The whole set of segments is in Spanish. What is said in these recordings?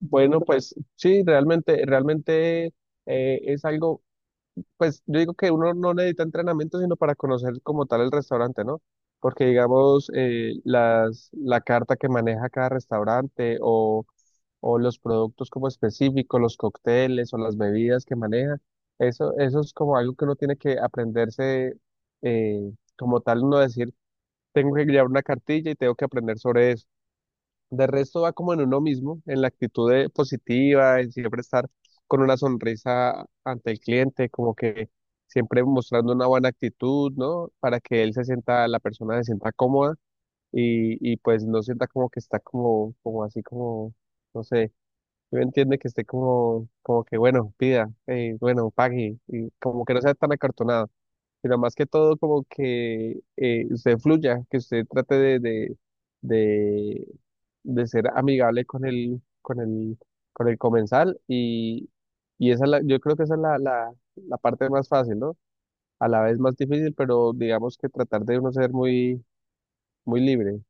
Bueno, pues sí, realmente es algo, pues yo digo que uno no necesita entrenamiento sino para conocer como tal el restaurante, ¿no? Porque digamos, la carta que maneja cada restaurante o los productos como específicos, los cócteles o las bebidas que maneja, eso es como algo que uno tiene que aprenderse eh, como tal, uno decir, tengo que llevar una cartilla y tengo que aprender sobre eso. De resto va como en uno mismo, en la actitud positiva, en siempre estar con una sonrisa ante el cliente, como que siempre mostrando una buena actitud, ¿no? Para que él se sienta, la persona se sienta cómoda y pues no sienta como que está como así como, no sé, yo entiende que esté como que bueno, pida, bueno, pague, y como que no sea tan acartonado sino más que todo como que usted fluya, que usted trate de, de ser amigable con el comensal y esa es yo creo que esa es la parte más fácil, ¿no? A la vez más difícil, pero digamos que tratar de uno ser muy, muy libre.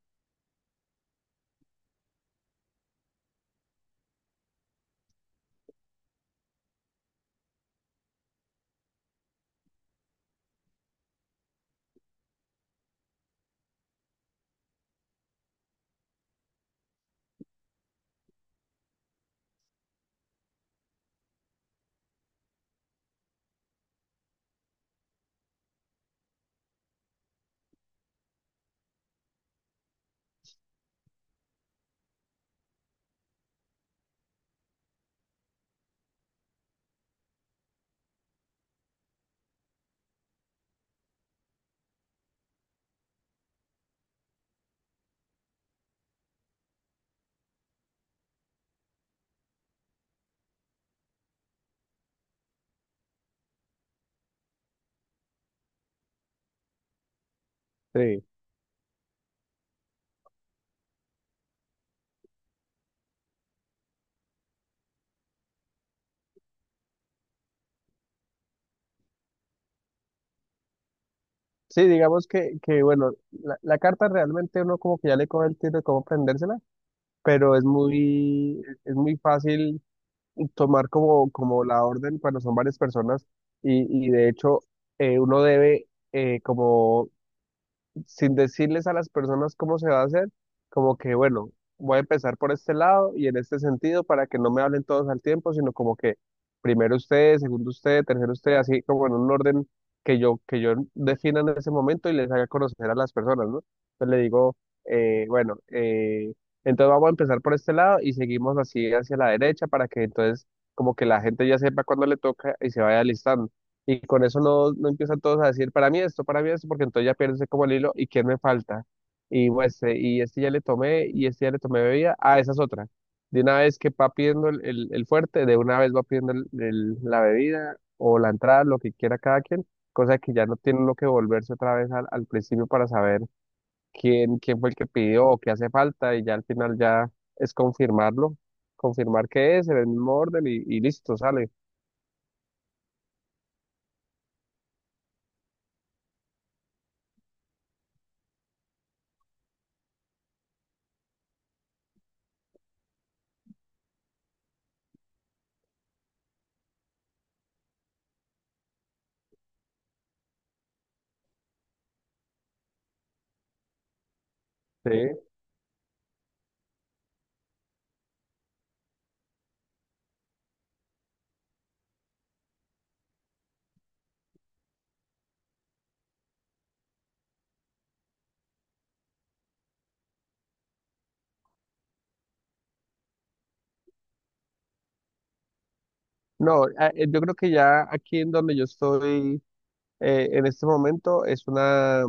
Sí, sí, digamos que bueno, la carta realmente uno como que ya le coge el tiro de cómo aprendérsela, pero es muy fácil tomar como la orden cuando son varias personas y de hecho uno debe como sin decirles a las personas cómo se va a hacer, como que, bueno, voy a empezar por este lado y en este sentido para que no me hablen todos al tiempo, sino como que primero usted, segundo usted, tercero usted, así como en un orden que yo defina en ese momento y les haga conocer a las personas, ¿no? Entonces le digo, bueno, entonces vamos a empezar por este lado y seguimos así hacia la derecha para que entonces como que la gente ya sepa cuándo le toca y se vaya alistando y con eso no empiezan todos a decir, para mí esto, porque entonces ya pierdes como el hilo y quién me falta. Y pues, y este ya le tomé bebida, ah, esa es otra. De una vez que va pidiendo el fuerte, de una vez va pidiendo la bebida o la entrada, lo que quiera cada quien, cosa que ya no tiene uno que volverse otra vez al principio para saber quién fue el que pidió o qué hace falta, y ya al final ya es confirmarlo, confirmar que es en el mismo orden y listo, sale. Sí. No, yo creo que ya aquí en donde yo estoy en este momento es una,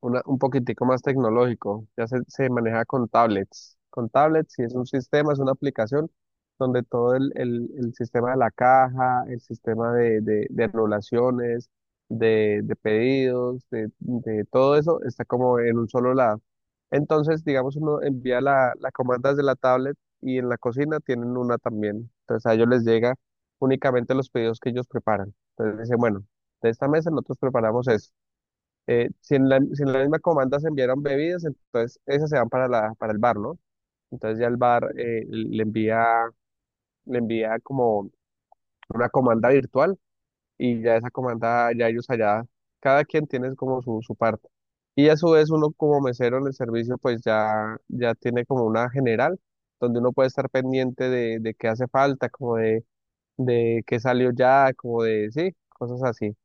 una- un poquitico más tecnológico. Ya se maneja con tablets. Con tablets, y es un sistema, es una aplicación donde todo el sistema de la caja, el sistema de anulaciones, de pedidos, de todo eso está como en un solo lado. Entonces, digamos, uno envía la comanda desde la tablet y en la cocina tienen una también. Entonces, a ellos les llega únicamente los pedidos que ellos preparan. Entonces, dicen, bueno, de esta mesa nosotros preparamos esto si en la misma comanda se enviaron bebidas, entonces esas se van para el bar, ¿no? Entonces ya el bar le envía como una comanda virtual y ya esa comanda, ya ellos allá, cada quien tiene como su parte. Y a su vez uno como mesero en el servicio pues ya tiene como una general donde uno puede estar pendiente de qué hace falta, como de qué salió ya, como de, sí, cosas así.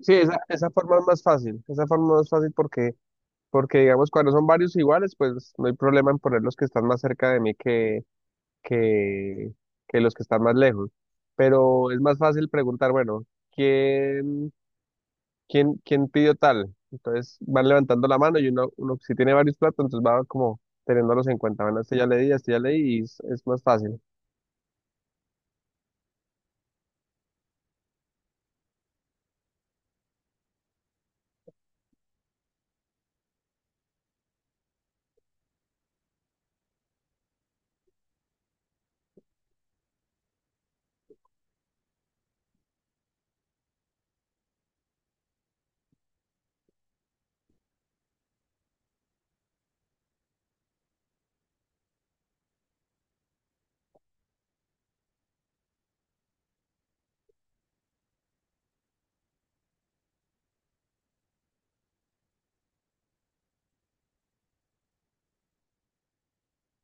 Sí, esa forma es más fácil, esa forma es más fácil, porque digamos, cuando son varios iguales, pues no hay problema en poner los que están más cerca de mí que, que los que están más lejos. Pero es más fácil preguntar, bueno, ¿quién, quién pidió tal? Entonces van levantando la mano y uno si tiene varios platos, entonces va como teniéndolos en cuenta. Bueno, este ya le di, y es más fácil.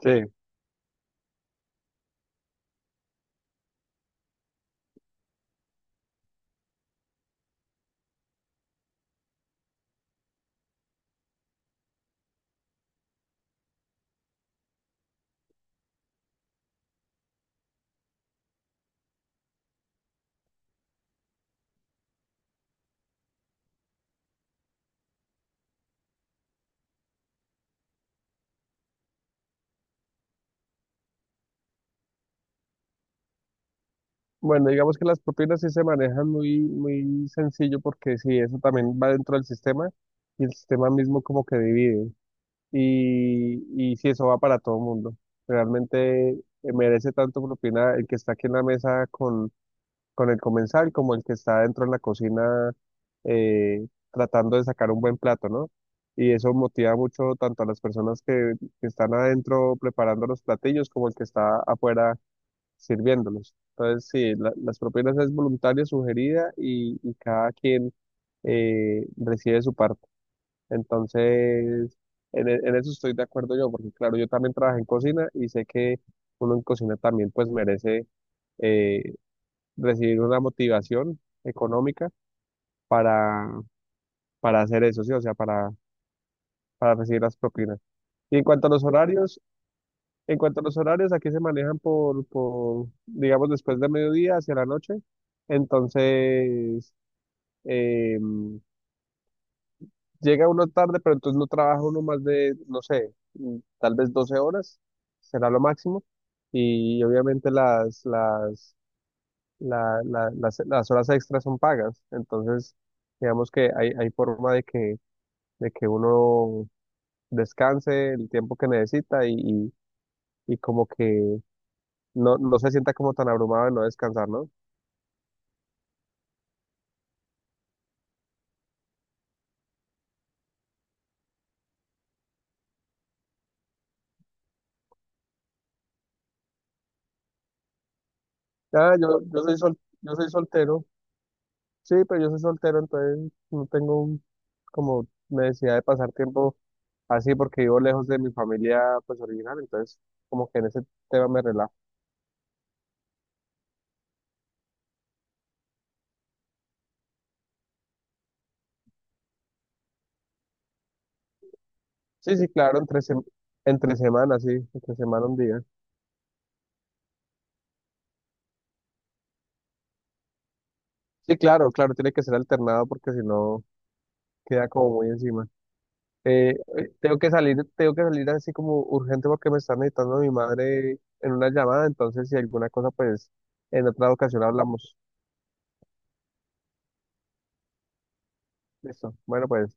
Sí. Bueno, digamos que las propinas sí se manejan muy, muy sencillo porque sí, eso también va dentro del sistema y el sistema mismo como que divide. Y, y si eso va para todo el mundo, realmente merece tanto propina el que está aquí en la mesa con el comensal como el que está dentro en la cocina eh, tratando de sacar un buen plato, ¿no? Y eso motiva mucho tanto a las personas que están adentro preparando los platillos como el que está afuera sirviéndolos. Entonces, sí, las propinas es voluntaria, sugerida y cada quien recibe su parte. Entonces, en eso estoy de acuerdo yo, porque claro, yo también trabajé en cocina y sé que uno en cocina también pues merece eh, recibir una motivación económica para, para hacer eso, ¿sí? O sea, para recibir las propinas. Y en cuanto a los horarios, en cuanto a los horarios, aquí se manejan por digamos, después de mediodía hacia la noche. Entonces, em, Llega uno tarde, pero entonces no trabaja uno más de, no sé, tal vez 12 horas, será lo máximo. Y obviamente las, la- la- las horas extras son pagas. Entonces, digamos que hay forma de que, uno descanse el tiempo que necesita y como que no se sienta como tan abrumado de no descansar, ¿no? Ah, yo soy sol, yo soy soltero. Sí, pero yo soy soltero, entonces no tengo como necesidad de pasar tiempo así porque vivo lejos de mi familia pues original, entonces como que en ese tema me relajo. Sí, sí, claro, entre semana, sí, entre semana un día. Sí, claro, claro, tiene que ser alternado porque si no queda como muy encima. Tengo que salir así como urgente porque me está necesitando mi madre en una llamada, entonces si alguna cosa pues en otra ocasión hablamos. Listo, bueno pues.